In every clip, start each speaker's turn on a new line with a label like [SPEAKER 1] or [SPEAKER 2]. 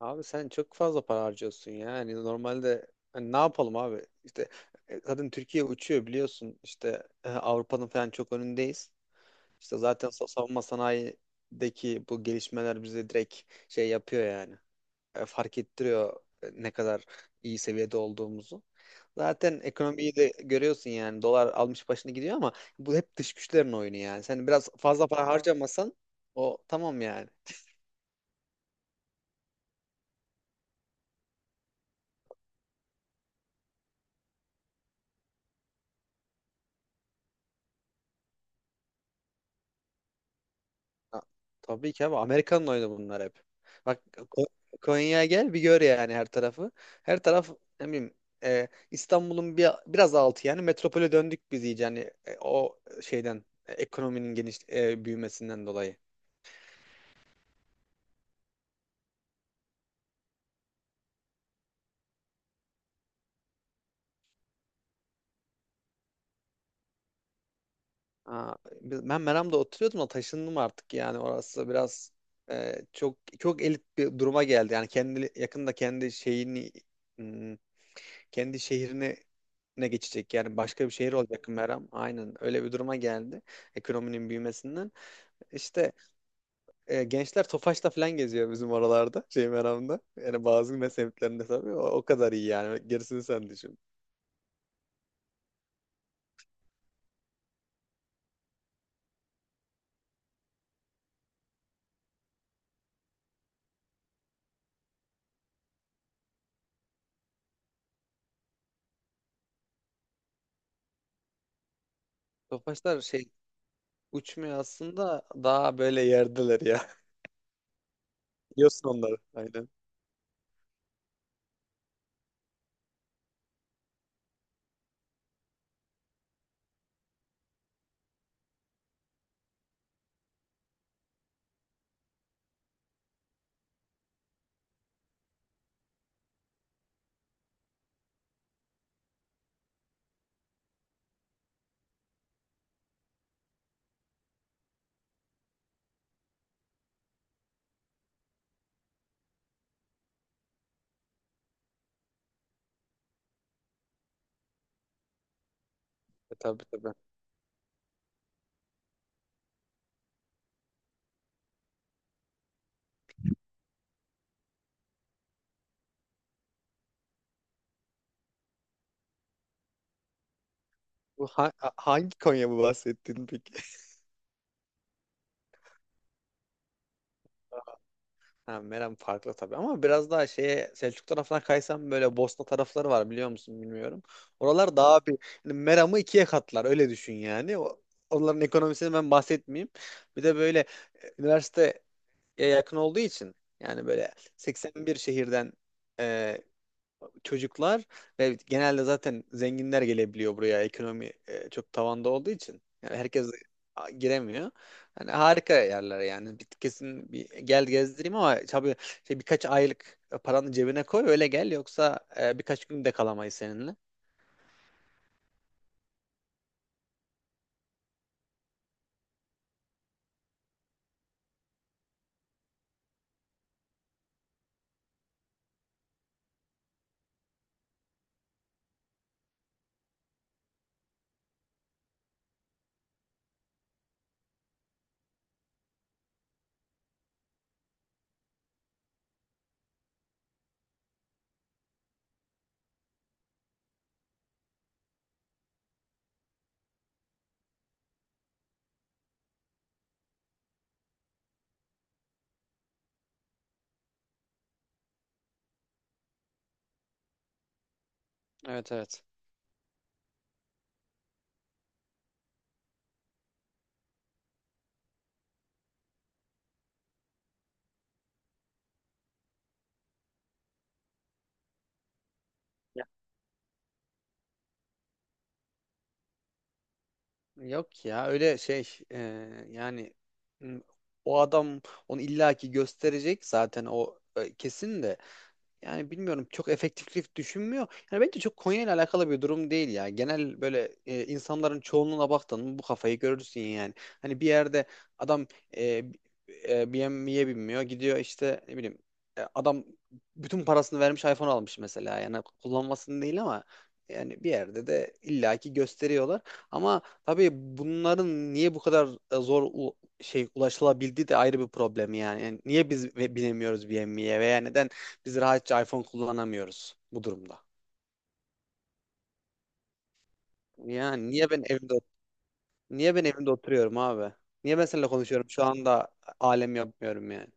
[SPEAKER 1] Abi sen çok fazla para harcıyorsun ya. Yani normalde hani ne yapalım abi? İşte zaten Türkiye uçuyor biliyorsun. İşte Avrupa'nın falan çok önündeyiz. İşte zaten savunma sanayideki bu gelişmeler bize direkt şey yapıyor yani. Fark ettiriyor, ne kadar iyi seviyede olduğumuzu. Zaten ekonomiyi de görüyorsun yani. Dolar almış başını gidiyor ama bu hep dış güçlerin oyunu yani. Sen biraz fazla para harcamasan o tamam yani. Ha, tabii ki abi, Amerika'nın oyunu bunlar hep. Bak Konya'ya gel bir gör yani her tarafı. Her taraf, ne bileyim, İstanbul'un bir, biraz altı yani. Metropole döndük biz iyice yani o şeyden, ekonominin geniş büyümesinden dolayı. Aa, ben Meram'da oturuyordum da taşındım artık. Yani orası biraz, çok çok elit bir duruma geldi. Yani kendi yakında kendi şeyini, hmm, kendi şehrini ne geçecek yani. Başka bir şehir olacak Meram. Aynen öyle bir duruma geldi ekonominin büyümesinden. İşte gençler Tofaş'ta falan geziyor bizim oralarda, şey, Meram'da. Yani bazı ne semtlerinde tabii o, o kadar iyi yani gerisini sen düşün. Tofaşlar şey, uçmuyor aslında, daha böyle yerdeler ya. Biliyorsun onları aynen. Tabii tabii. Bu hangi Konya bu bahsettiğin peki? Ha, Meram farklı tabii, ama biraz daha şeye, Selçuk tarafına kaysam, böyle Bosna tarafları var, biliyor musun bilmiyorum. Oralar daha bir, yani Meram'ı ikiye katlar, öyle düşün yani. O, onların ekonomisini ben bahsetmeyeyim. Bir de böyle üniversiteye yakın olduğu için, yani böyle 81 şehirden çocuklar ve genelde zaten zenginler gelebiliyor buraya, ekonomi çok tavanda olduğu için. Yani herkes giremiyor. Yani harika yerler yani. Bir, kesin bir gel gezdireyim, ama tabii şey, birkaç aylık paranı cebine koy öyle gel, yoksa birkaç gün de kalamayız seninle. Evet evet. Ya. Yok ya, öyle şey yani, m, o adam onu illaki gösterecek zaten, o kesin de. Yani bilmiyorum, çok efektiflik düşünmüyor. Yani bence çok Konya ile alakalı bir durum değil ya. Genel böyle, insanların çoğunluğuna baktın mı bu kafayı görürsün yani. Hani bir yerde adam, e, BMW'ye binmiyor, gidiyor işte ne bileyim, adam bütün parasını vermiş iPhone almış mesela. Yani kullanmasını değil, ama yani bir yerde de illaki gösteriyorlar. Ama tabii bunların niye bu kadar zor şey ulaşılabildiği de ayrı bir problem yani. Yani niye biz binemiyoruz BMW'ye, veya neden biz rahatça iPhone kullanamıyoruz bu durumda. Yani niye ben evimde niye ben evimde oturuyorum abi? Niye ben seninle konuşuyorum şu anda, alem yapmıyorum yani.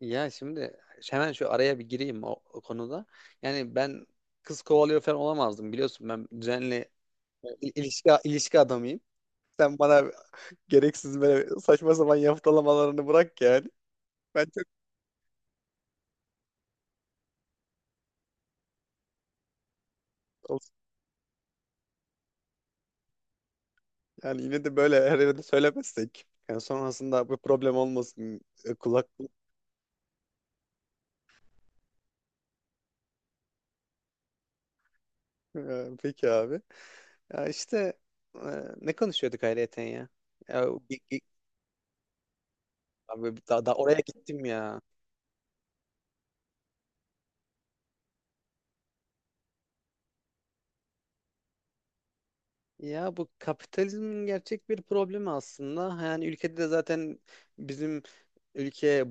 [SPEAKER 1] Ya şimdi hemen şu araya bir gireyim o konuda. Yani ben kız kovalıyor falan olamazdım biliyorsun. Ben düzenli ilişki adamıyım. Sen bana gereksiz böyle saçma sapan yaftalamalarını bırak yani. Ben çok olsun. Yani yine de böyle her yerde söylemezsek. Yani sonrasında bu problem olmasın. E, kulak. E, peki abi. Ya işte e, ne konuşuyorduk ayrıyeten ya? Ya o abi daha oraya gittim ya. Ya bu kapitalizmin gerçek bir problemi aslında. Yani ülkede de zaten bizim ülke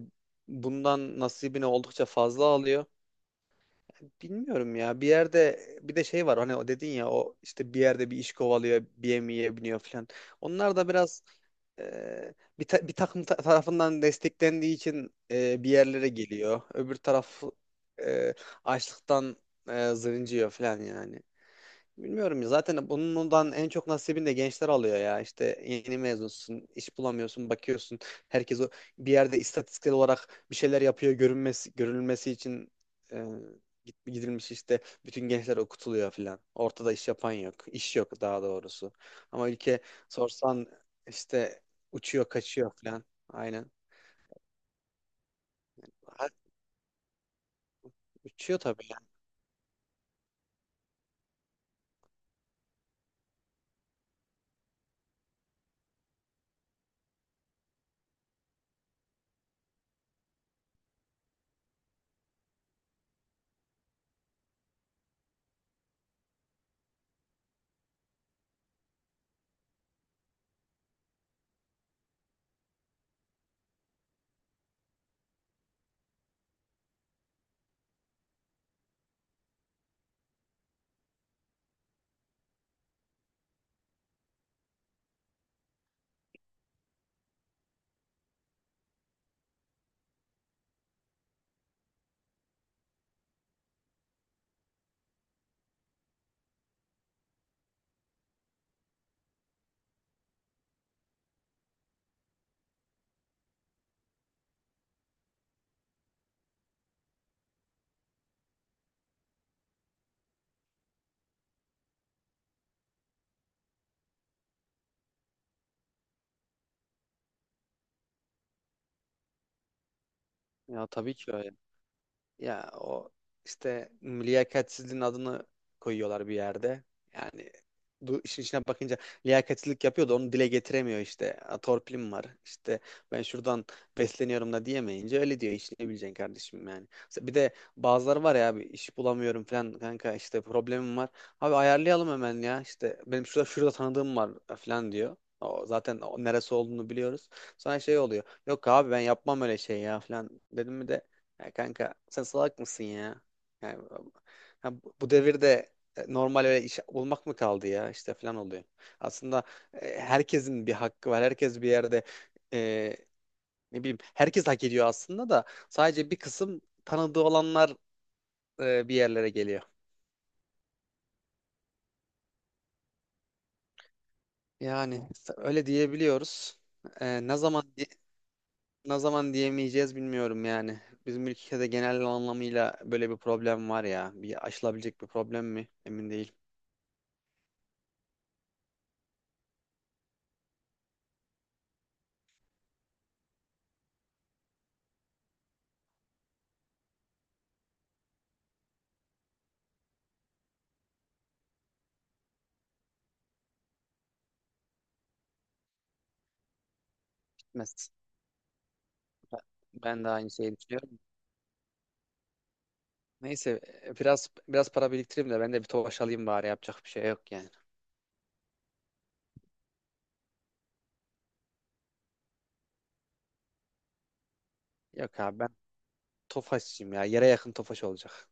[SPEAKER 1] bundan nasibini oldukça fazla alıyor. Bilmiyorum ya. Bir yerde bir de şey var, hani o dedin ya, o işte bir yerde bir iş kovalıyor, bir yemeğe biniyor falan. Onlar da biraz bir, bir takım tarafından desteklendiği için bir yerlere geliyor. Öbür taraf e, açlıktan zırıncıyor falan yani. Bilmiyorum ya, zaten bundan en çok nasibini de gençler alıyor ya. İşte yeni mezunsun, iş bulamıyorsun, bakıyorsun. Herkes o bir yerde istatistiksel olarak bir şeyler yapıyor görünmesi, görülmesi için e, gidilmiş işte bütün gençler okutuluyor filan. Ortada iş yapan yok. İş yok daha doğrusu. Ama ülke sorsan işte uçuyor, kaçıyor filan. Aynen. Ha, uçuyor tabii yani. Ya tabii ki öyle. Ya o işte liyakatsizliğin adını koyuyorlar bir yerde. Yani bu işin içine bakınca liyakatsizlik yapıyor da onu dile getiremiyor işte. "A, torpilim var. İşte ben şuradan besleniyorum" da diyemeyince öyle diyor. İşte ne bileceksin kardeşim yani. Mesela bir de bazıları var ya abi, "iş bulamıyorum falan kanka, işte problemim var." Abi ayarlayalım hemen ya. İşte benim şurada şurada tanıdığım var falan diyor. O zaten o neresi olduğunu biliyoruz. Sonra şey oluyor. "Yok abi ben yapmam öyle şey ya" falan dedim mi de, "ya kanka sen salak mısın ya? Yani, ya bu bu devirde normal öyle iş bulmak mı kaldı ya" işte falan oluyor. Aslında herkesin bir hakkı var. Herkes bir yerde, e, ne bileyim, herkes hak ediyor aslında, da sadece bir kısım tanıdığı olanlar bir yerlere geliyor. Yani öyle diyebiliyoruz. E, ne zaman ne zaman diyemeyeceğiz bilmiyorum yani. Bizim ülkede genel anlamıyla böyle bir problem var ya. Bir aşılabilecek bir problem mi? Emin değilim. Ben de aynı şeyi düşünüyorum. Neyse, biraz para biriktireyim de ben de bir Tofaş alayım bari, yapacak bir şey yok yani. Yok abi ben Tofaşçıyım ya. Yere yakın Tofaş olacak.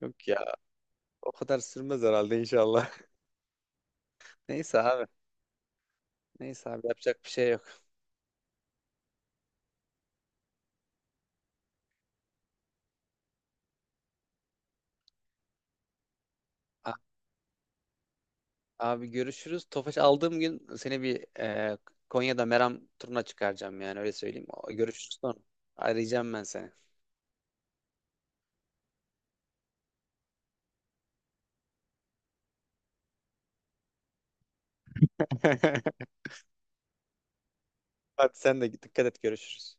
[SPEAKER 1] Yok ya, o kadar sürmez herhalde inşallah. Neyse abi. Neyse abi, yapacak bir şey yok. A- Abi görüşürüz. Tofaş aldığım gün seni bir Konya'da Meram turuna çıkaracağım, yani öyle söyleyeyim. Görüşürüz sonra. Arayacağım ben seni. Hadi sen de dikkat et, görüşürüz.